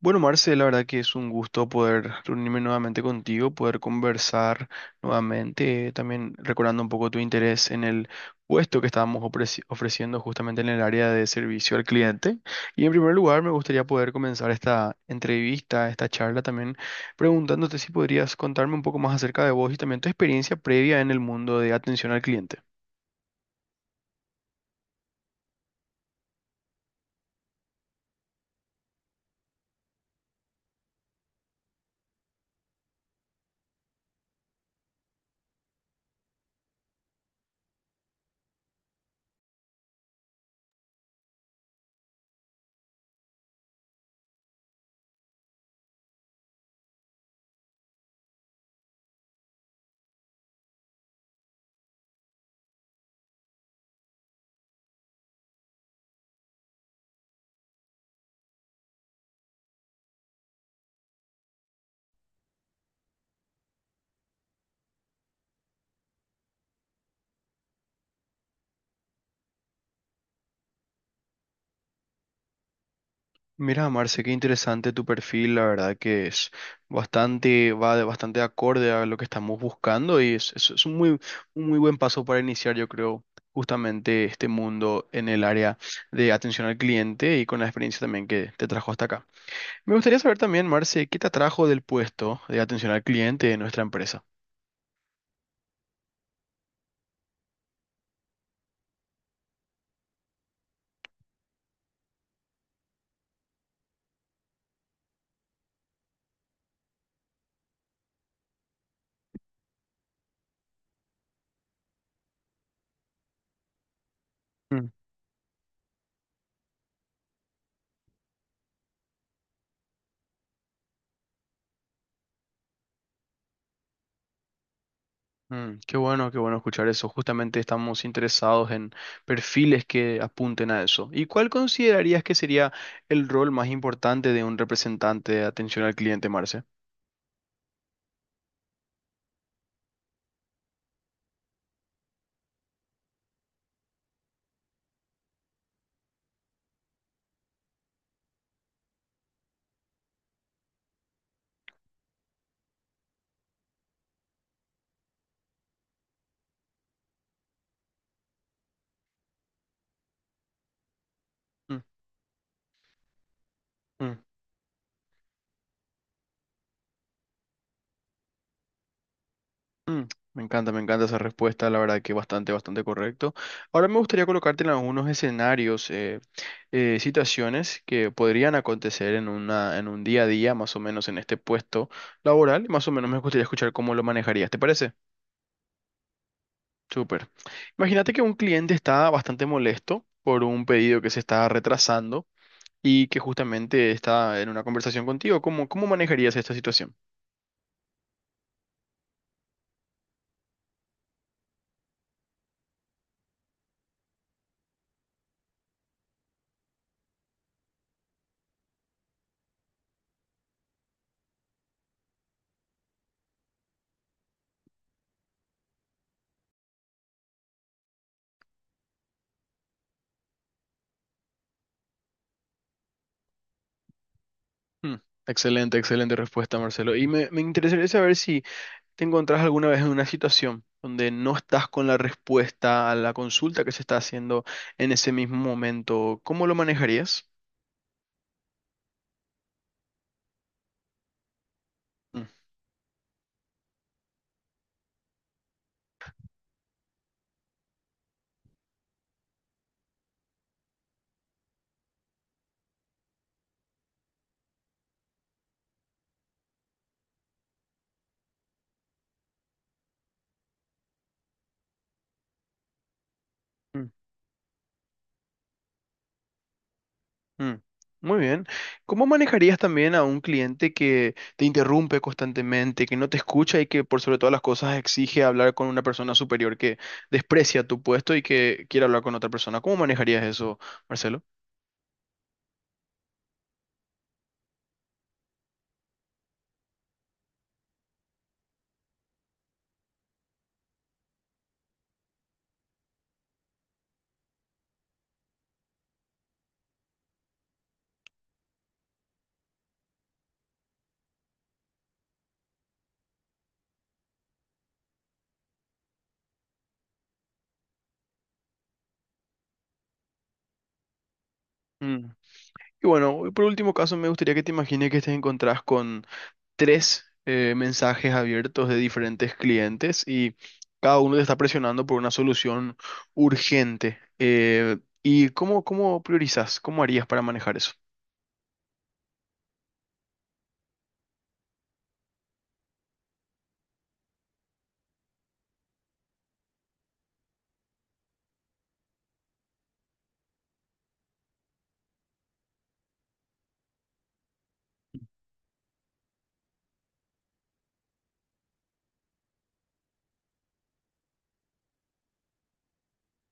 Bueno, Marce, la verdad que es un gusto poder reunirme nuevamente contigo, poder conversar nuevamente, también recordando un poco tu interés en el puesto que estábamos ofreciendo justamente en el área de servicio al cliente. Y en primer lugar, me gustaría poder comenzar esta entrevista, esta charla también, preguntándote si podrías contarme un poco más acerca de vos y también tu experiencia previa en el mundo de atención al cliente. Mira, Marce, qué interesante tu perfil, la verdad que es bastante, bastante acorde a lo que estamos buscando y es un un muy buen paso para iniciar, yo creo, justamente este mundo en el área de atención al cliente y con la experiencia también que te trajo hasta acá. Me gustaría saber también, Marce, ¿qué te atrajo del puesto de atención al cliente de nuestra empresa? Mm. Mm, qué bueno escuchar eso. Justamente estamos interesados en perfiles que apunten a eso. ¿Y cuál considerarías que sería el rol más importante de un representante de atención al cliente, Marce? Mm, mm, mm. Me encanta esa respuesta, la verdad que bastante, bastante correcto. Ahora me gustaría colocarte en algunos escenarios, situaciones que podrían acontecer en una, en un día a día, más o menos en este puesto laboral. Más o menos me gustaría escuchar cómo lo manejarías, ¿te parece? Súper. Imagínate que un cliente está bastante molesto por un pedido que se está retrasando y que justamente está en una conversación contigo. Cómo manejarías esta situación? Hmm. Excelente, excelente respuesta, Marcelo. Y me interesaría saber si te encontrás alguna vez en una situación donde no estás con la respuesta a la consulta que se está haciendo en ese mismo momento. ¿Cómo lo manejarías? Mm. Mm. Muy bien. ¿Cómo manejarías también a un cliente que te interrumpe constantemente, que no te escucha y que por sobre todas las cosas exige hablar con una persona superior que desprecia tu puesto y que quiere hablar con otra persona? ¿Cómo manejarías eso, Marcelo? Mm. Y bueno, y por último caso, me gustaría que te imagines que te encontrás con tres mensajes abiertos de diferentes clientes y cada uno te está presionando por una solución urgente. ¿Y cómo priorizas? ¿Cómo harías para manejar eso?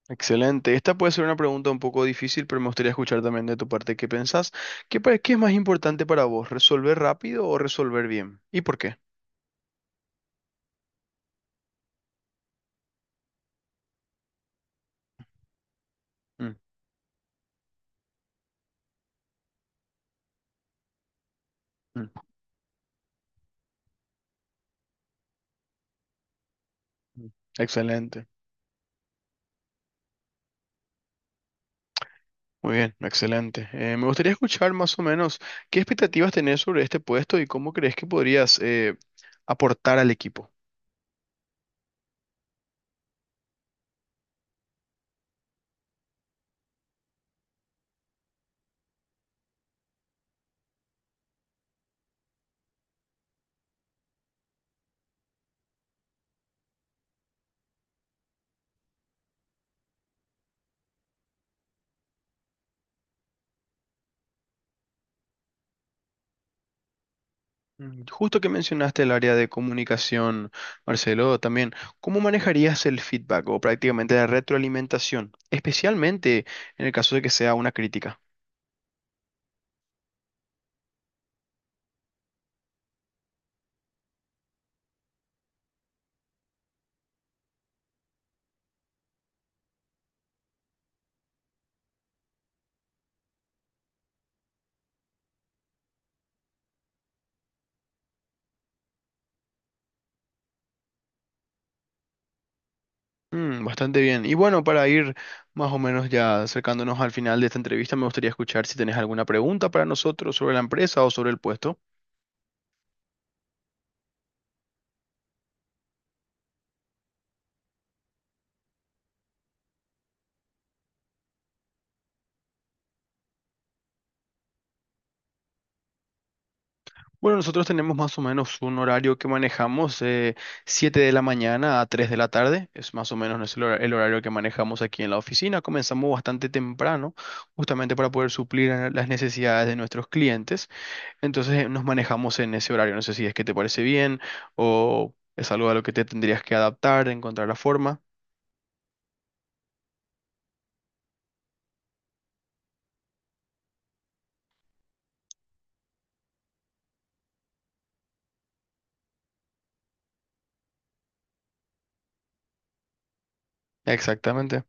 Excelente. Esta puede ser una pregunta un poco difícil, pero me gustaría escuchar también de tu parte qué pensás. ¿Qué, qué es más importante para vos, resolver rápido o resolver bien? ¿Y por qué? Mm, mm, mm. Excelente. Muy bien, excelente. Me gustaría escuchar más o menos qué expectativas tenés sobre este puesto y cómo crees que podrías aportar al equipo. Mm. Justo que mencionaste el área de comunicación, Marcelo, también, ¿cómo manejarías el feedback o prácticamente la retroalimentación, especialmente en el caso de que sea una crítica? Mm, bastante bien. Y bueno, para ir más o menos ya acercándonos al final de esta entrevista, me gustaría escuchar si tenés alguna pregunta para nosotros sobre la empresa o sobre el puesto. Bueno, nosotros tenemos más o menos un horario que manejamos, 7 de la mañana a 3 de la tarde. Es más o menos nuestro el horario que manejamos aquí en la oficina. Comenzamos bastante temprano, justamente para poder suplir las necesidades de nuestros clientes. Entonces, nos manejamos en ese horario. No sé si es que te parece bien o es algo a lo que te tendrías que adaptar, encontrar la forma. Exactamente.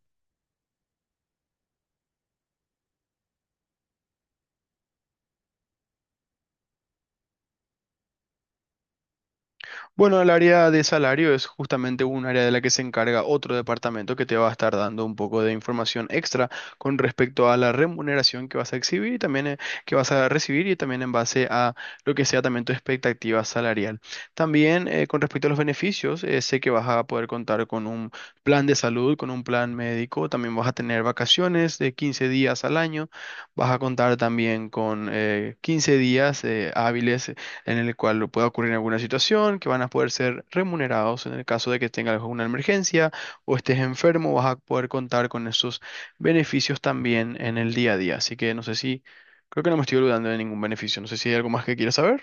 Bueno, el área de salario es justamente un área de la que se encarga otro departamento que te va a estar dando un poco de información extra con respecto a la remuneración que vas a exhibir y también que vas a recibir y también en base a lo que sea también tu expectativa salarial. También con respecto a los beneficios, sé que vas a poder contar con un plan de salud, con un plan médico, también vas a tener vacaciones de 15 días al año, vas a contar también con 15 días hábiles en el cual pueda ocurrir alguna situación, que van a poder ser remunerados en el caso de que tengas alguna emergencia o estés enfermo, vas a poder contar con esos beneficios también en el día a día. Así que no sé si, creo que no me estoy olvidando de ningún beneficio. No sé si hay algo más que quieras saber.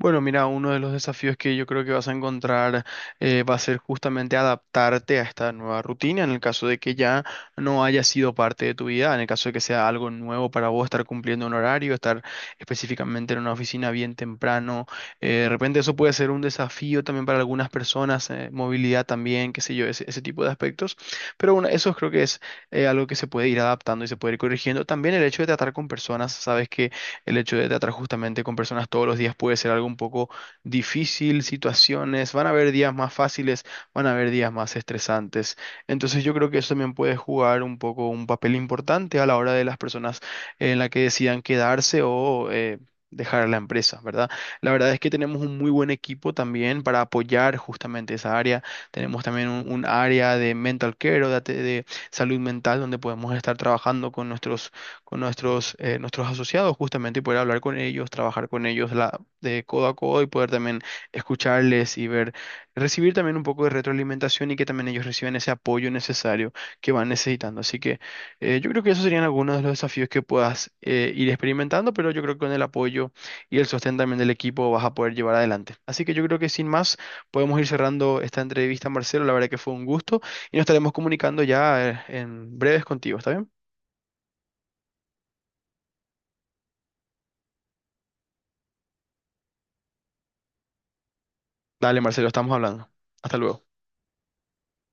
Bueno, mira, uno de los desafíos que yo creo que vas a encontrar va a ser justamente adaptarte a esta nueva rutina en el caso de que ya no haya sido parte de tu vida, en el caso de que sea algo nuevo para vos estar cumpliendo un horario, estar específicamente en una oficina bien temprano. De repente eso puede ser un desafío también para algunas personas, movilidad también, qué sé yo, ese tipo de aspectos. Pero bueno, eso creo que es algo que se puede ir adaptando y se puede ir corrigiendo. También el hecho de tratar con personas, sabes que el hecho de tratar justamente con personas todos los días puede ser algo un poco difícil, situaciones, van a haber días más fáciles, van a haber días más estresantes. Entonces yo creo que eso también puede jugar un poco un papel importante a la hora de las personas en la que decidan quedarse o... dejar la empresa, ¿verdad? La verdad es que tenemos un muy buen equipo también para apoyar justamente esa área. Tenemos también un área de mental care o de, de salud mental donde podemos estar trabajando con nuestros nuestros asociados justamente y poder hablar con ellos, trabajar con ellos de codo a codo y poder también escucharles y ver, recibir también un poco de retroalimentación y que también ellos reciban ese apoyo necesario que van necesitando. Así que yo creo que esos serían algunos de los desafíos que puedas ir experimentando, pero yo creo que con el apoyo y el sostén también del equipo vas a poder llevar adelante. Así que yo creo que sin más podemos ir cerrando esta entrevista, Marcelo. La verdad que fue un gusto y nos estaremos comunicando ya en breves contigo, ¿está bien? Dale, Marcelo, estamos hablando. Hasta luego.